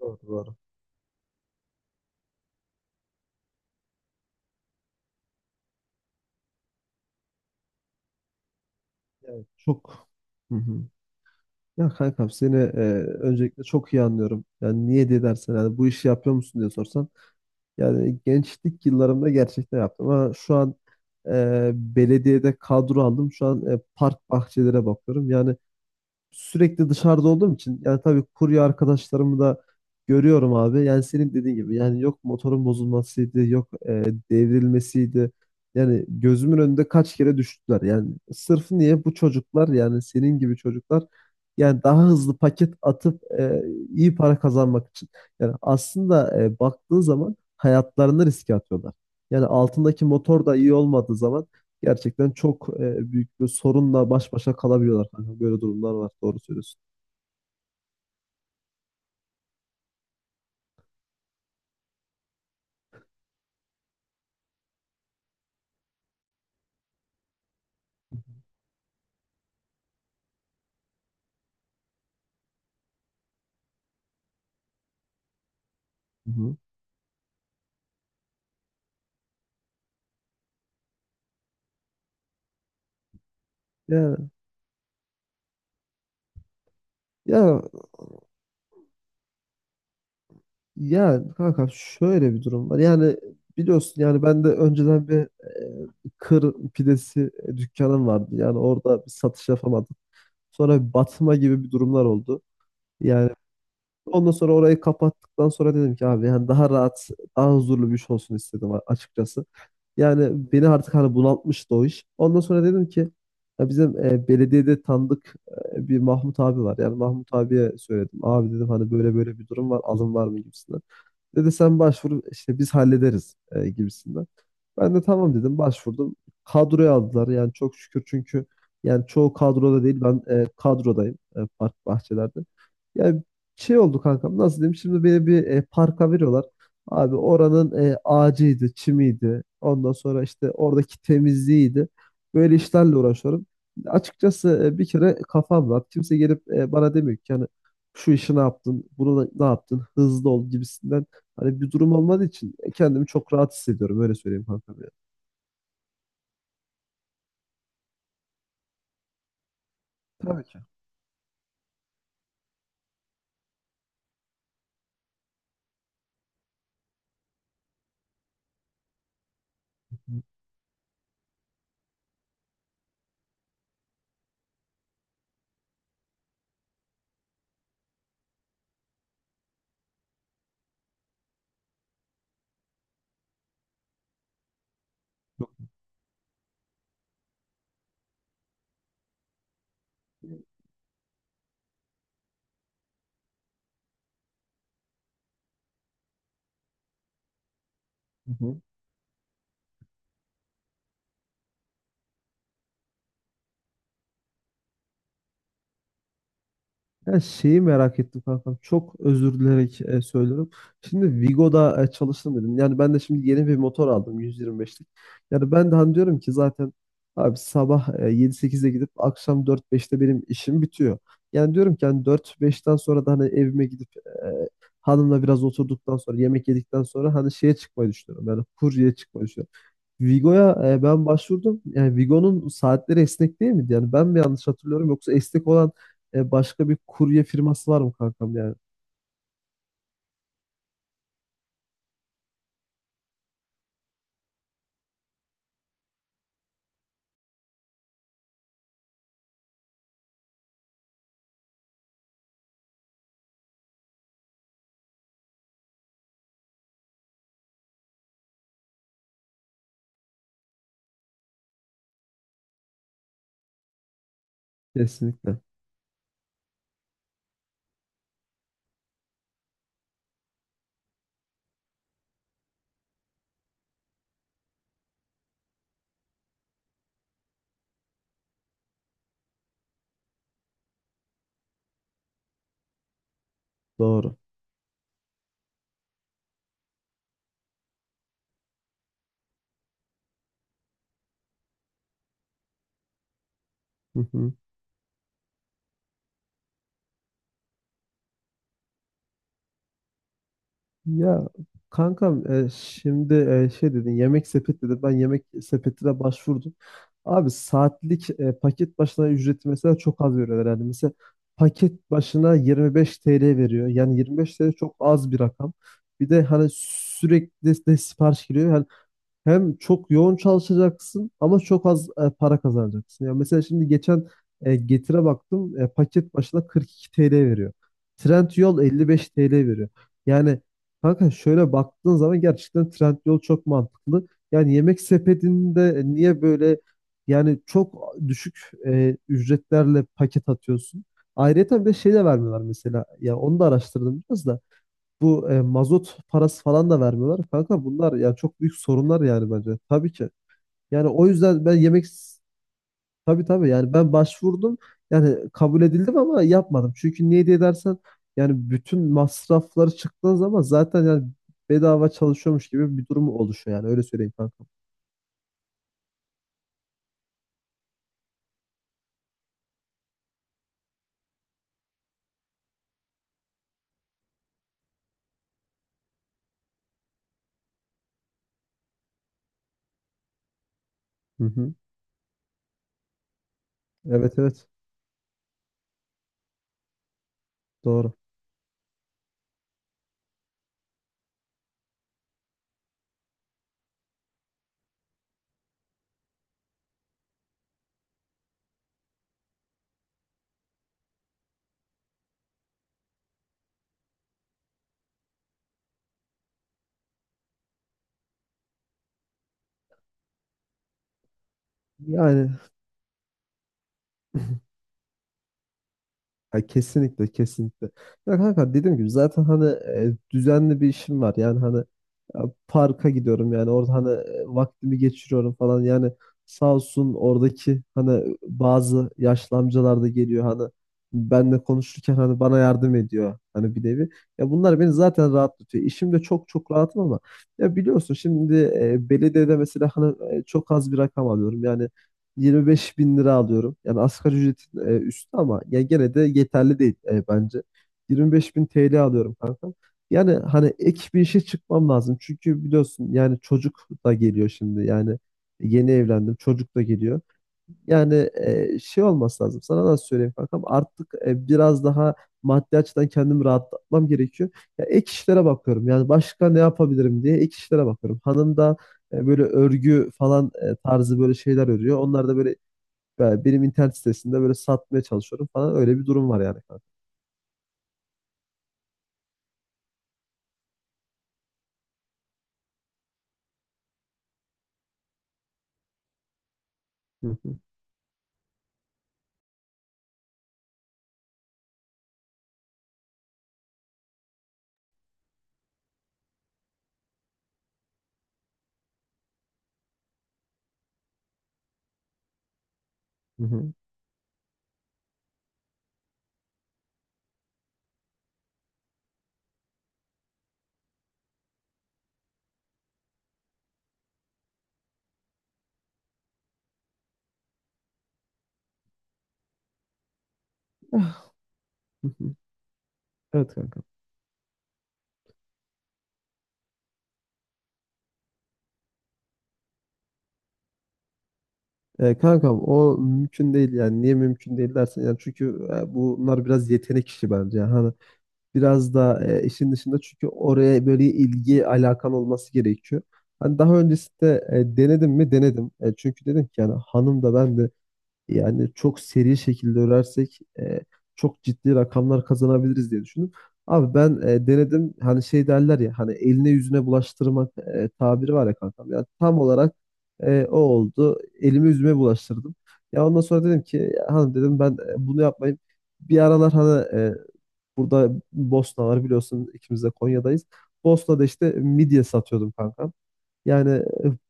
Doğru doğru. Yani çok. Hı hı. Ya kankam seni öncelikle çok iyi anlıyorum. Yani niye diye dersen yani bu işi yapıyor musun diye sorsan. Yani gençlik yıllarımda gerçekten yaptım ama şu an belediyede kadro aldım. Şu an park bahçelere bakıyorum. Yani sürekli dışarıda olduğum için yani tabii kurye arkadaşlarımı da görüyorum abi. Yani senin dediğin gibi yani yok motorun bozulmasıydı, yok devrilmesiydi. Yani gözümün önünde kaç kere düştüler. Yani sırf niye bu çocuklar yani senin gibi çocuklar yani daha hızlı paket atıp iyi para kazanmak için. Yani aslında baktığın zaman hayatlarını riske atıyorlar. Yani altındaki motor da iyi olmadığı zaman gerçekten çok büyük bir sorunla baş başa kalabiliyorlar kanka. Böyle durumlar var. Doğru söylüyorsun. Hı hı. Yani ya ya kanka şöyle bir durum var. Yani biliyorsun yani ben de önceden bir kır pidesi dükkanım vardı. Yani orada bir satış yapamadım. Sonra bir batma gibi bir durumlar oldu. Yani ondan sonra orayı kapattıktan sonra dedim ki abi yani daha rahat, daha huzurlu bir iş olsun istedim açıkçası. Yani beni artık hani bunaltmıştı o iş. Ondan sonra dedim ki ya bizim belediyede tanıdık bir Mahmut abi var. Yani Mahmut abiye söyledim. Abi dedim hani böyle böyle bir durum var, alım var mı gibisinden. Dedi sen başvur işte biz hallederiz gibisinden. Ben de tamam dedim başvurdum. Kadroya aldılar yani çok şükür çünkü yani çoğu kadroda değil ben kadrodayım park bahçelerde. Yani şey oldu kankam nasıl diyeyim şimdi beni bir parka veriyorlar. Abi oranın ağacıydı, çimiydi. Ondan sonra işte oradaki temizliğiydi. Böyle işlerle uğraşıyorum. Açıkçası bir kere kafam rahat. Kimse gelip bana demiyor ki yani şu işi ne yaptın, ne yaptın, hızlı ol gibisinden. Hani bir durum olmadığı için kendimi çok rahat hissediyorum. Öyle söyleyeyim kankam ya. Tabii ki. Hı hı. Ya şeyi merak ettim kankam. Çok özür dileyerek söylüyorum. Şimdi Vigo'da çalıştım dedim. Yani ben de şimdi yeni bir motor aldım 125'lik. Yani ben de hani diyorum ki zaten abi sabah 7-8'de gidip akşam 4-5'te benim işim bitiyor. Yani diyorum ki hani 4-5'ten sonra da hani evime gidip hanımla biraz oturduktan sonra yemek yedikten sonra hani şeye çıkmayı düşünüyorum. Yani kurye çıkmayı düşünüyorum. Vigo'ya ben başvurdum. Yani Vigo'nun saatleri esnek değil miydi? Yani ben mi yanlış hatırlıyorum yoksa esnek olan başka bir kurye firması var mı kankam yani? Kesinlikle. Doğru. Hı hı. Ya kankam şimdi şey dedin yemek sepeti dedin. Ben yemek sepetine başvurdum. Abi saatlik paket başına ücreti mesela çok az veriyorlar. Yani mesela paket başına 25 TL veriyor. Yani 25 TL çok az bir rakam. Bir de hani sürekli de sipariş giriyor. Hem çok yoğun çalışacaksın ama çok az para kazanacaksın. Yani mesela şimdi geçen Getir'e baktım paket başına 42 TL veriyor. Trendyol 55 TL veriyor. Yani kanka şöyle baktığın zaman gerçekten Trendyol çok mantıklı. Yani yemek sepetinde niye böyle yani çok düşük ücretlerle paket atıyorsun? Ayrıca bir de şey de vermiyorlar mesela. Ya onu da araştırdım biraz da. Bu mazot parası falan da vermiyorlar. Kanka bunlar ya çok büyük sorunlar yani bence. Tabii ki. Yani o yüzden ben yemek tabii tabii yani ben başvurdum. Yani kabul edildim ama yapmadım. Çünkü niye diye dersen yani bütün masrafları çıktığın zaman zaten yani bedava çalışıyormuş gibi bir durum oluşuyor yani öyle söyleyeyim kanka. Hı hı. Evet evet doğru. Yani ya kesinlikle kesinlikle. Ya kanka dediğim gibi zaten hani düzenli bir işim var. Yani hani e, parka gidiyorum yani orada hani vaktimi geçiriyorum falan. Yani sağ olsun oradaki hani bazı yaşlı amcalar da geliyor hani benle konuşurken hani bana yardım ediyor hani bir nevi. Ya bunlar beni zaten rahatlatıyor. İşimde çok çok rahatım ama ya biliyorsun şimdi belediyede mesela hani çok az bir rakam alıyorum. Yani 25 bin lira alıyorum. Yani asgari ücretin üstü ama ya gene de yeterli değil bence. 25 bin TL alıyorum kanka. Yani hani ek bir işe çıkmam lazım. Çünkü biliyorsun yani çocuk da geliyor şimdi. Yani yeni evlendim çocuk da geliyor. Yani şey olması lazım. Sana nasıl söyleyeyim kankam? Artık biraz daha maddi açıdan kendimi rahatlatmam gerekiyor. Ya ek işlere bakıyorum. Yani başka ne yapabilirim diye ek işlere bakıyorum. Hanım da böyle örgü falan tarzı böyle şeyler örüyor. Onlar da böyle benim internet sitesinde böyle satmaya çalışıyorum falan. Öyle bir durum var yani kanka. Hı hı, hı hı, hı hı. Evet kanka. Kankam o mümkün değil yani niye mümkün değil dersen yani çünkü bunlar biraz yetenek işi bence yani hani biraz da işin dışında çünkü oraya böyle ilgi alakan olması gerekiyor. Hani daha öncesinde denedim mi denedim. Çünkü dedim ki yani hanım da ben de yani çok seri şekilde örersek çok ciddi rakamlar kazanabiliriz diye düşündüm. Abi ben denedim hani şey derler ya hani eline yüzüne bulaştırmak tabiri var ya kankam. Yani tam olarak o oldu. Elimi yüzüme bulaştırdım. Ya ondan sonra dedim ki "Ya hanım dedim ben bunu yapmayayım. Bir aralar hani burada Bosna var biliyorsun ikimiz de Konya'dayız. Bosna'da işte midye satıyordum kankam. Yani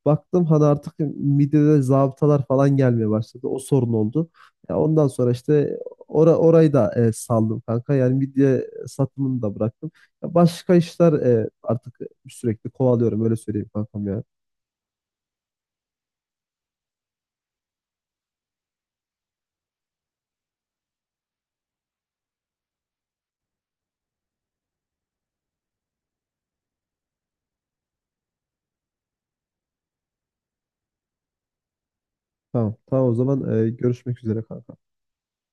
baktım hani artık midede zabıtalar falan gelmeye başladı. O sorun oldu. Ya ondan sonra işte orayı da saldım kanka. Yani midye satımını da bıraktım. Ya başka işler artık sürekli kovalıyorum öyle söyleyeyim kankam ya. Tamam, tamam o zaman görüşmek üzere kanka.